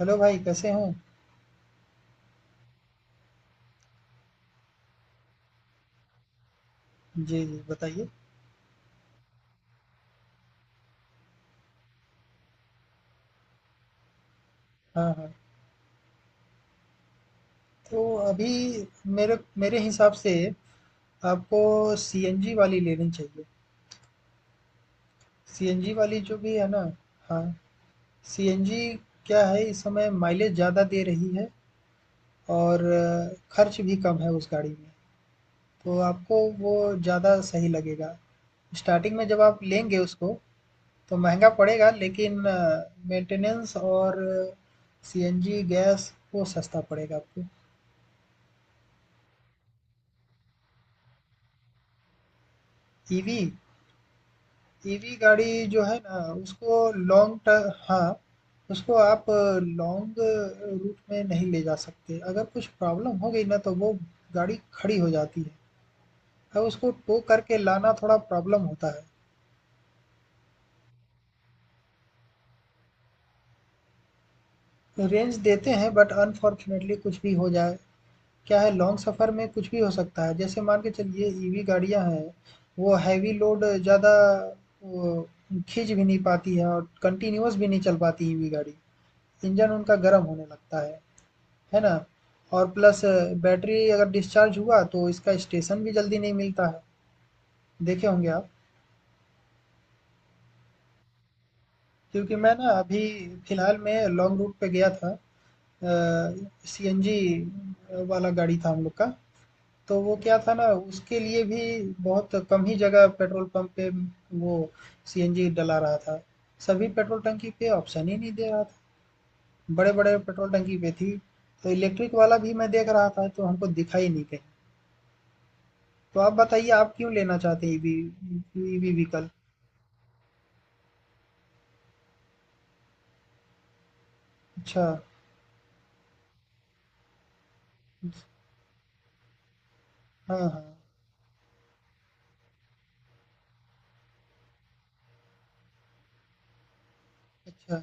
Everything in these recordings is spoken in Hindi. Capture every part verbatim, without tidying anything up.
हेलो भाई, कैसे हो? जी, जी, बताइए। हाँ, हाँ। तो अभी मेरे मेरे हिसाब से आपको सीएनजी वाली लेनी चाहिए। सीएनजी वाली जो भी है ना। हाँ, सीएनजी क्या है इस समय माइलेज ज़्यादा दे रही है और अ, खर्च भी कम है उस गाड़ी में। तो आपको वो ज़्यादा सही लगेगा। स्टार्टिंग में जब आप लेंगे उसको तो महंगा पड़ेगा, लेकिन मेंटेनेंस और सीएनजी गैस वो सस्ता पड़ेगा आपको। ईवी ईवी गाड़ी जो है ना उसको लॉन्ग ट हाँ, उसको आप लॉन्ग रूट में नहीं ले जा सकते। अगर कुछ प्रॉब्लम हो गई ना तो वो गाड़ी खड़ी हो जाती है। अब उसको टो करके लाना थोड़ा प्रॉब्लम होता है। रेंज देते हैं बट अनफॉर्चुनेटली कुछ भी हो जाए। क्या है लॉन्ग सफ़र में कुछ भी हो सकता है। जैसे मान के चलिए ईवी गाड़ियाँ हैं वो हैवी लोड ज़्यादा वो खींच भी नहीं पाती है और कंटिन्यूअस भी नहीं चल पाती ईवी गाड़ी। इंजन उनका गर्म होने लगता है। है ना? और प्लस बैटरी अगर डिस्चार्ज हुआ तो इसका स्टेशन भी जल्दी नहीं मिलता है, देखे होंगे आप? क्योंकि मैं ना अभी फिलहाल में लॉन्ग रूट पे गया था। अ, सीएनजी वाला गाड़ी था हम लोग का, तो वो क्या था ना उसके लिए भी बहुत कम ही जगह पेट्रोल पंप पे वो सीएनजी डला रहा था। सभी पेट्रोल टंकी पे ऑप्शन ही नहीं दे रहा था। बड़े-बड़े पेट्रोल टंकी पे थी, तो इलेक्ट्रिक वाला भी मैं देख रहा था तो हमको दिखा ही नहीं कहीं। तो आप बताइए आप क्यों लेना चाहते हैं ईवी ईवी व्हीकल? अच्छा। हाँ, हाँ। अच्छा।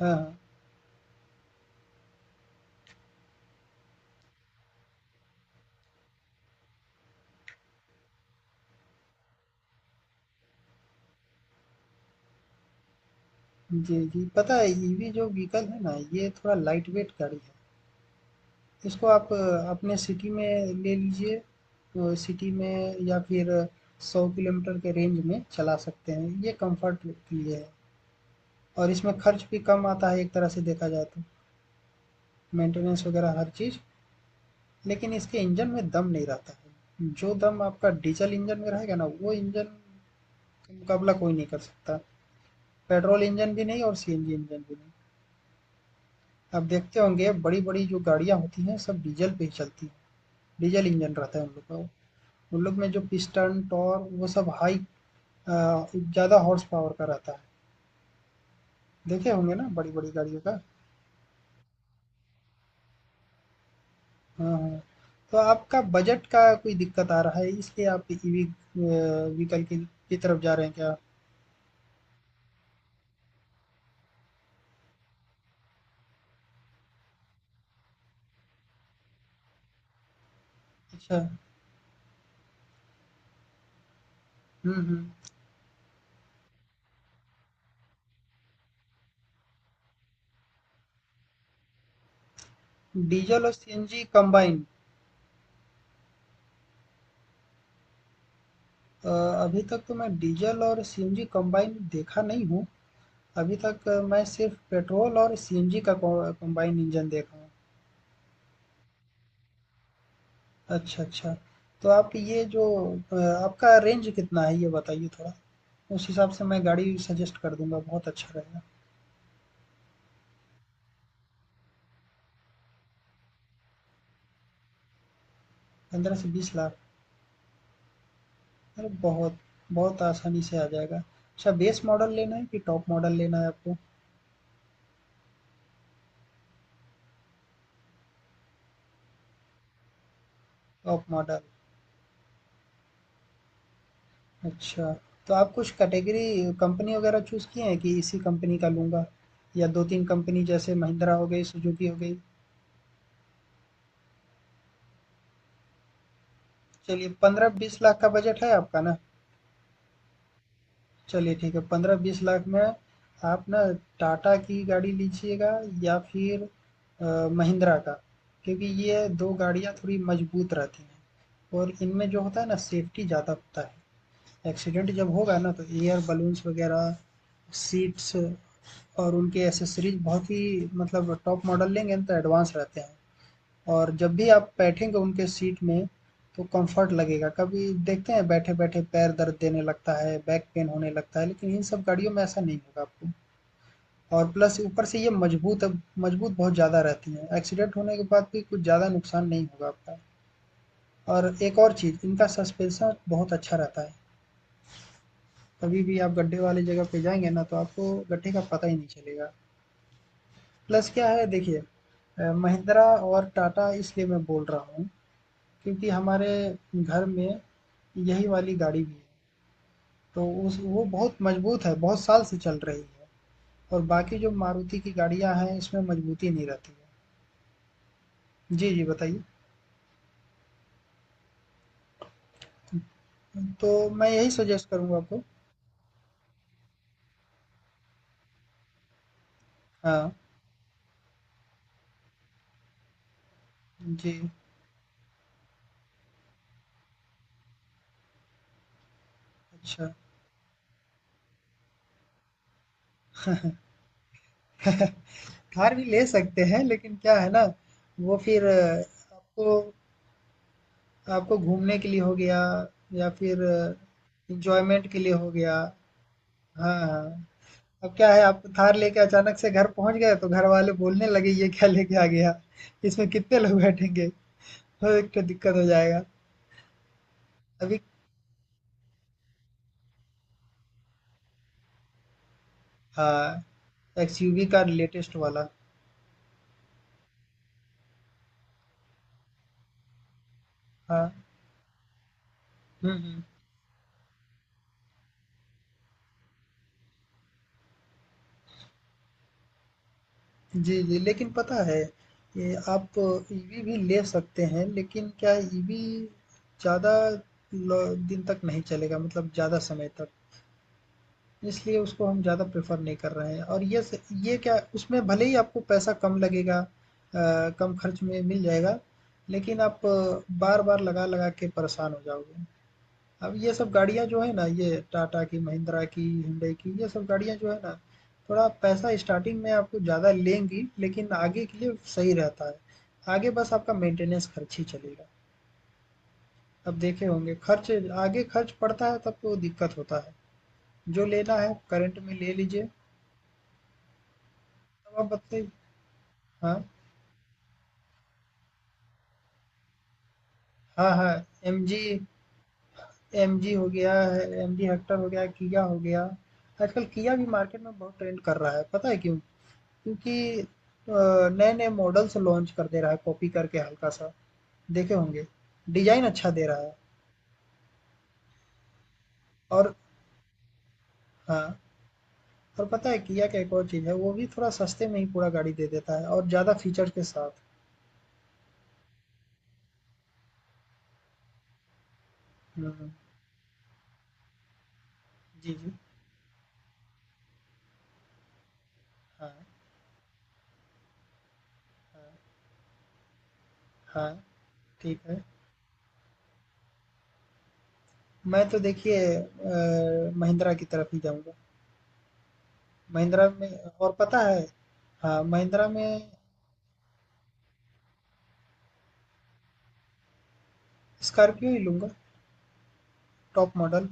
हाँ, हाँ। जी, जी। पता है ईवी जो व्हीकल है ना ये थोड़ा लाइटवेट गाड़ी है। इसको आप अ, अपने सिटी में ले लीजिए। तो सिटी में या फिर सौ किलोमीटर के रेंज में चला सकते हैं। ये कम्फर्ट के लिए है और इसमें खर्च भी कम आता है एक तरह से देखा जाए तो। मेंटेनेंस वगैरह हर चीज़। लेकिन इसके इंजन में दम नहीं रहता है। जो दम आपका डीज़ल इंजन में रहेगा ना वो इंजन मुकाबला कोई नहीं कर सकता। पेट्रोल इंजन भी नहीं और सीएनजी इंजन भी नहीं। आप देखते होंगे बड़ी-बड़ी जो गाड़ियाँ होती हैं सब डीजल पे ही चलती हैं। डीजल इंजन रहता है उन लोग का वो। उन लोग में जो पिस्टन, टॉर्क वो सब हाई अ, ज़्यादा हॉर्स पावर का रहता है। देखे होंगे ना बड़ी-बड़ी गाड़ियों का? हाँ, हाँ। तो आपका बजट का कोई दिक्कत आ रहा है इसलिए आप ईवी अ, व्हीकल की की तरफ जा रहे हैं क्या? अच्छा। हुँ, हुँ। डीजल और सीएनजी कंबाइन अ, अभी तक तो मैं डीजल और सीएनजी कंबाइन देखा नहीं हूँ। अभी तक अ, मैं सिर्फ़ पेट्रोल और सीएनजी का कॉ कम्बाइंड इंजन देखा हूँ। अच्छा, अच्छा। तो आप ये जो अ, आपका रेंज कितना है ये बताइए थोड़ा? उस हिसाब से मैं गाड़ी सजेस्ट कर दूँगा, बहुत अच्छा रहेगा। पंद्रह से बीस लाख अरे! बहुत बहुत आसानी से आ जाएगा। अच्छा बेस मॉडल लेना है कि टॉप मॉडल लेना है आपको? Top model. अच्छा, तो आप कुछ कैटेगरी कंपनी वगैरह चूज़ किए हैं कि इसी कंपनी का लूँगा या दो तीन कंपनी जैसे महिंद्रा हो गई, सुजुकी हो गई? चलिए पंद्रह से बीस लाख का बजट है आपका ना? चलिए ठीक है पंद्रह से बीस लाख में आप ना टाटा की गाड़ी लीजिएगा या फिर अ, महिंद्रा का। क्योंकि ये दो गाड़ियाँ थोड़ी मजबूत रहती हैं और इनमें जो होता है ना सेफ्टी ज़्यादा होता है। एक्सीडेंट जब होगा ना तो एयर बलून्स वगैरह सीट्स और उनके एसेसरीज बहुत ही मतलब टॉप मॉडल लेंगे ना तो एडवांस रहते हैं और जब भी आप बैठेंगे उनके सीट में, तो कम्फ़र्ट लगेगा। कभी देखते हैं बैठे-बैठे पैर दर्द देने लगता है, बैक पेन होने लगता है, लेकिन इन सब गाड़ियों में ऐसा नहीं होगा आपको। और प्लस ऊपर से ये मज़बूत अब मज़बूत बहुत ज़्यादा रहती हैं। एक्सीडेंट होने के बाद भी कुछ ज़्यादा नुकसान नहीं होगा आपका। और एक और चीज़, इनका सस्पेंशन बहुत अच्छा रहता है। कभी भी आप गड्ढे वाली जगह पे जाएँगे ना, तो आपको गड्ढे का पता ही नहीं चलेगा। प्लस क्या है देखिए अ, महिंद्रा और टाटा इसलिए मैं बोल रहा हूँ क्योंकि हमारे घर में यही वाली गाड़ी भी है। तो उस वो बहुत मजबूत है, बहुत साल से चल रही है और बाकी जो मारुति की गाड़ियाँ हैं, इसमें मजबूती नहीं रहती है। जी, जी, बताइए। तो मैं यही सजेस्ट करूँगा आपको। हाँ, जी, अच्छा। थार भी ले सकते हैं, लेकिन क्या है ना, वो फिर अ, आपको आपको घूमने के लिए हो गया या फिर एन्जॉयमेंट के लिए हो गया। हाँ, हाँ। अब क्या है आप थार लेके अचानक से घर पहुंच गए तो घर वाले बोलने लगे ये क्या लेके आ गया इसमें कितने लोग बैठेंगे तो एक तो दिक्कत हो जाएगा। अभी हाँ, एक्सयूवी का लेटेस्ट वाला। हाँ। हम्म, हम्म। जी, जी, लेकिन पता है ये आप ईवी भी ले सकते हैं, लेकिन क्या ईवी ज़्यादा दिन तक नहीं चलेगा मतलब ज़्यादा समय तक। इसलिए उसको हम ज़्यादा प्रेफ़र नहीं कर रहे हैं और ये स ये क्या उसमें भले ही आपको पैसा कम लगेगा अ, कम खर्च में मिल जाएगा, लेकिन आप बार-बार लगा-लगा के परेशान हो जाओगे। अब ये सब गाड़ियाँ जो है ना, ये टाटा की, महिंद्रा की, हुंडई की, ये सब गाड़ियाँ जो है ना, थोड़ा पैसा स्टार्टिंग में आपको ज़्यादा लेंगी, लेकिन आगे के लिए सही रहता है। आगे बस आपका मेंटेनेंस खर्च ही चलेगा। अब देखे होंगे खर्च आगे खर्च पड़ता है तब तो दिक्कत होता है। जो लेना है करंट में ले लीजिए। अब आप बताइए। हाँ, हाँ, हाँ, एमजी एमजी हो गया है, एमजी हेक्टर हो गया, किया हो गया। आजकल किया भी मार्केट में बहुत ट्रेंड कर रहा है, पता है क्यों? क्योंकि अ, नए-नए मॉडल्स लॉन्च कर दे रहा है, कॉपी करके हल्का सा, देखे होंगे। डिजाइन अच्छा दे रहा है और हाँ, और पता है किया का एक और चीज़ है, वो भी थोड़ा सस्ते में ही पूरा गाड़ी दे देता है और ज़्यादा फीचर्स के साथ। हम्म, हम्म। जी, जी, हाँ, हाँ, ठीक है। मैं तो देखिए अ, महिंद्रा की तरफ ही जाऊंगा। महिंद्रा में और पता है हाँ महिंद्रा में स्कॉर्पियो ही लूंगा। Top model.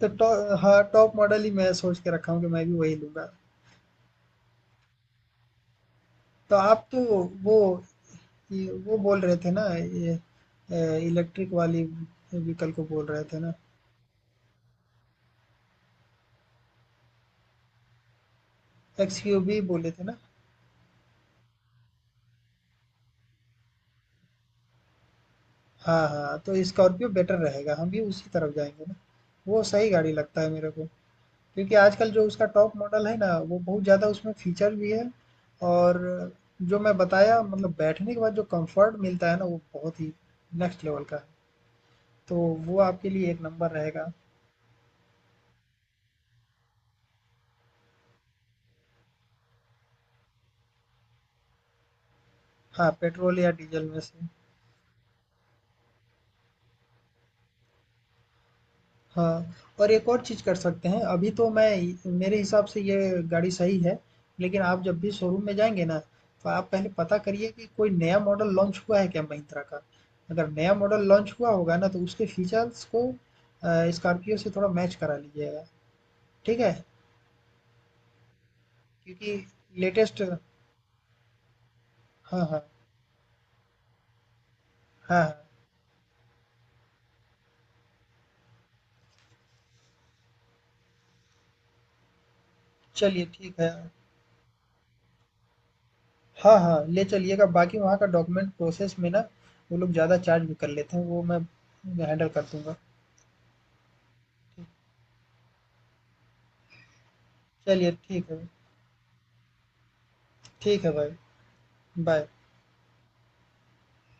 तो टॉ हाँ टॉप मॉडल ही मैं सोच के रखा हूँ कि मैं भी वही लूंगा। तो आप तो वो ये वो बोल रहे थे ना ये इलेक्ट्रिक वाली व्हीकल को बोल रहे थे ना। एक्सयूवी बोले थे ना। हाँ हाँ तो स्कॉर्पियो बेटर रहेगा हम भी उसी तरफ जाएंगे ना। वो सही गाड़ी लगता है मेरे को क्योंकि आजकल जो उसका टॉप मॉडल है ना वो बहुत ज़्यादा उसमें फीचर भी है और जो मैं बताया मतलब बैठने के बाद जो कंफर्ट मिलता है ना वो बहुत ही नेक्स्ट लेवल का है। तो वो आपके लिए एक नंबर रहेगा। हाँ पेट्रोल या डीजल में से। हाँ, और एक और चीज़ कर सकते हैं, अभी तो मैं मेरे हिसाब से ये गाड़ी सही है, लेकिन आप जब भी शोरूम में जाएँगे ना, तो आप पहले पता करिए कि कोई नया मॉडल लॉन्च हुआ है क्या महिंद्रा का? अगर नया मॉडल लॉन्च हुआ होगा ना, तो उसके फीचर्स को अ, स्कॉर्पियो से थोड़ा मैच करा लीजिएगा, ठीक है? क्योंकि लेटेस्ट हाँ, हाँ, हाँ, हाँ, चलिए ठीक है। हाँ, हाँ, ले चलिएगा, बाकी वहाँ का डॉक्यूमेंट प्रोसेस में ना, वो लोग ज़्यादा चार्ज भी कर लेते हैं, वो मैं हैंडल कर दूँगा। चलिए ठीक है। ठीक है भाई, बाय।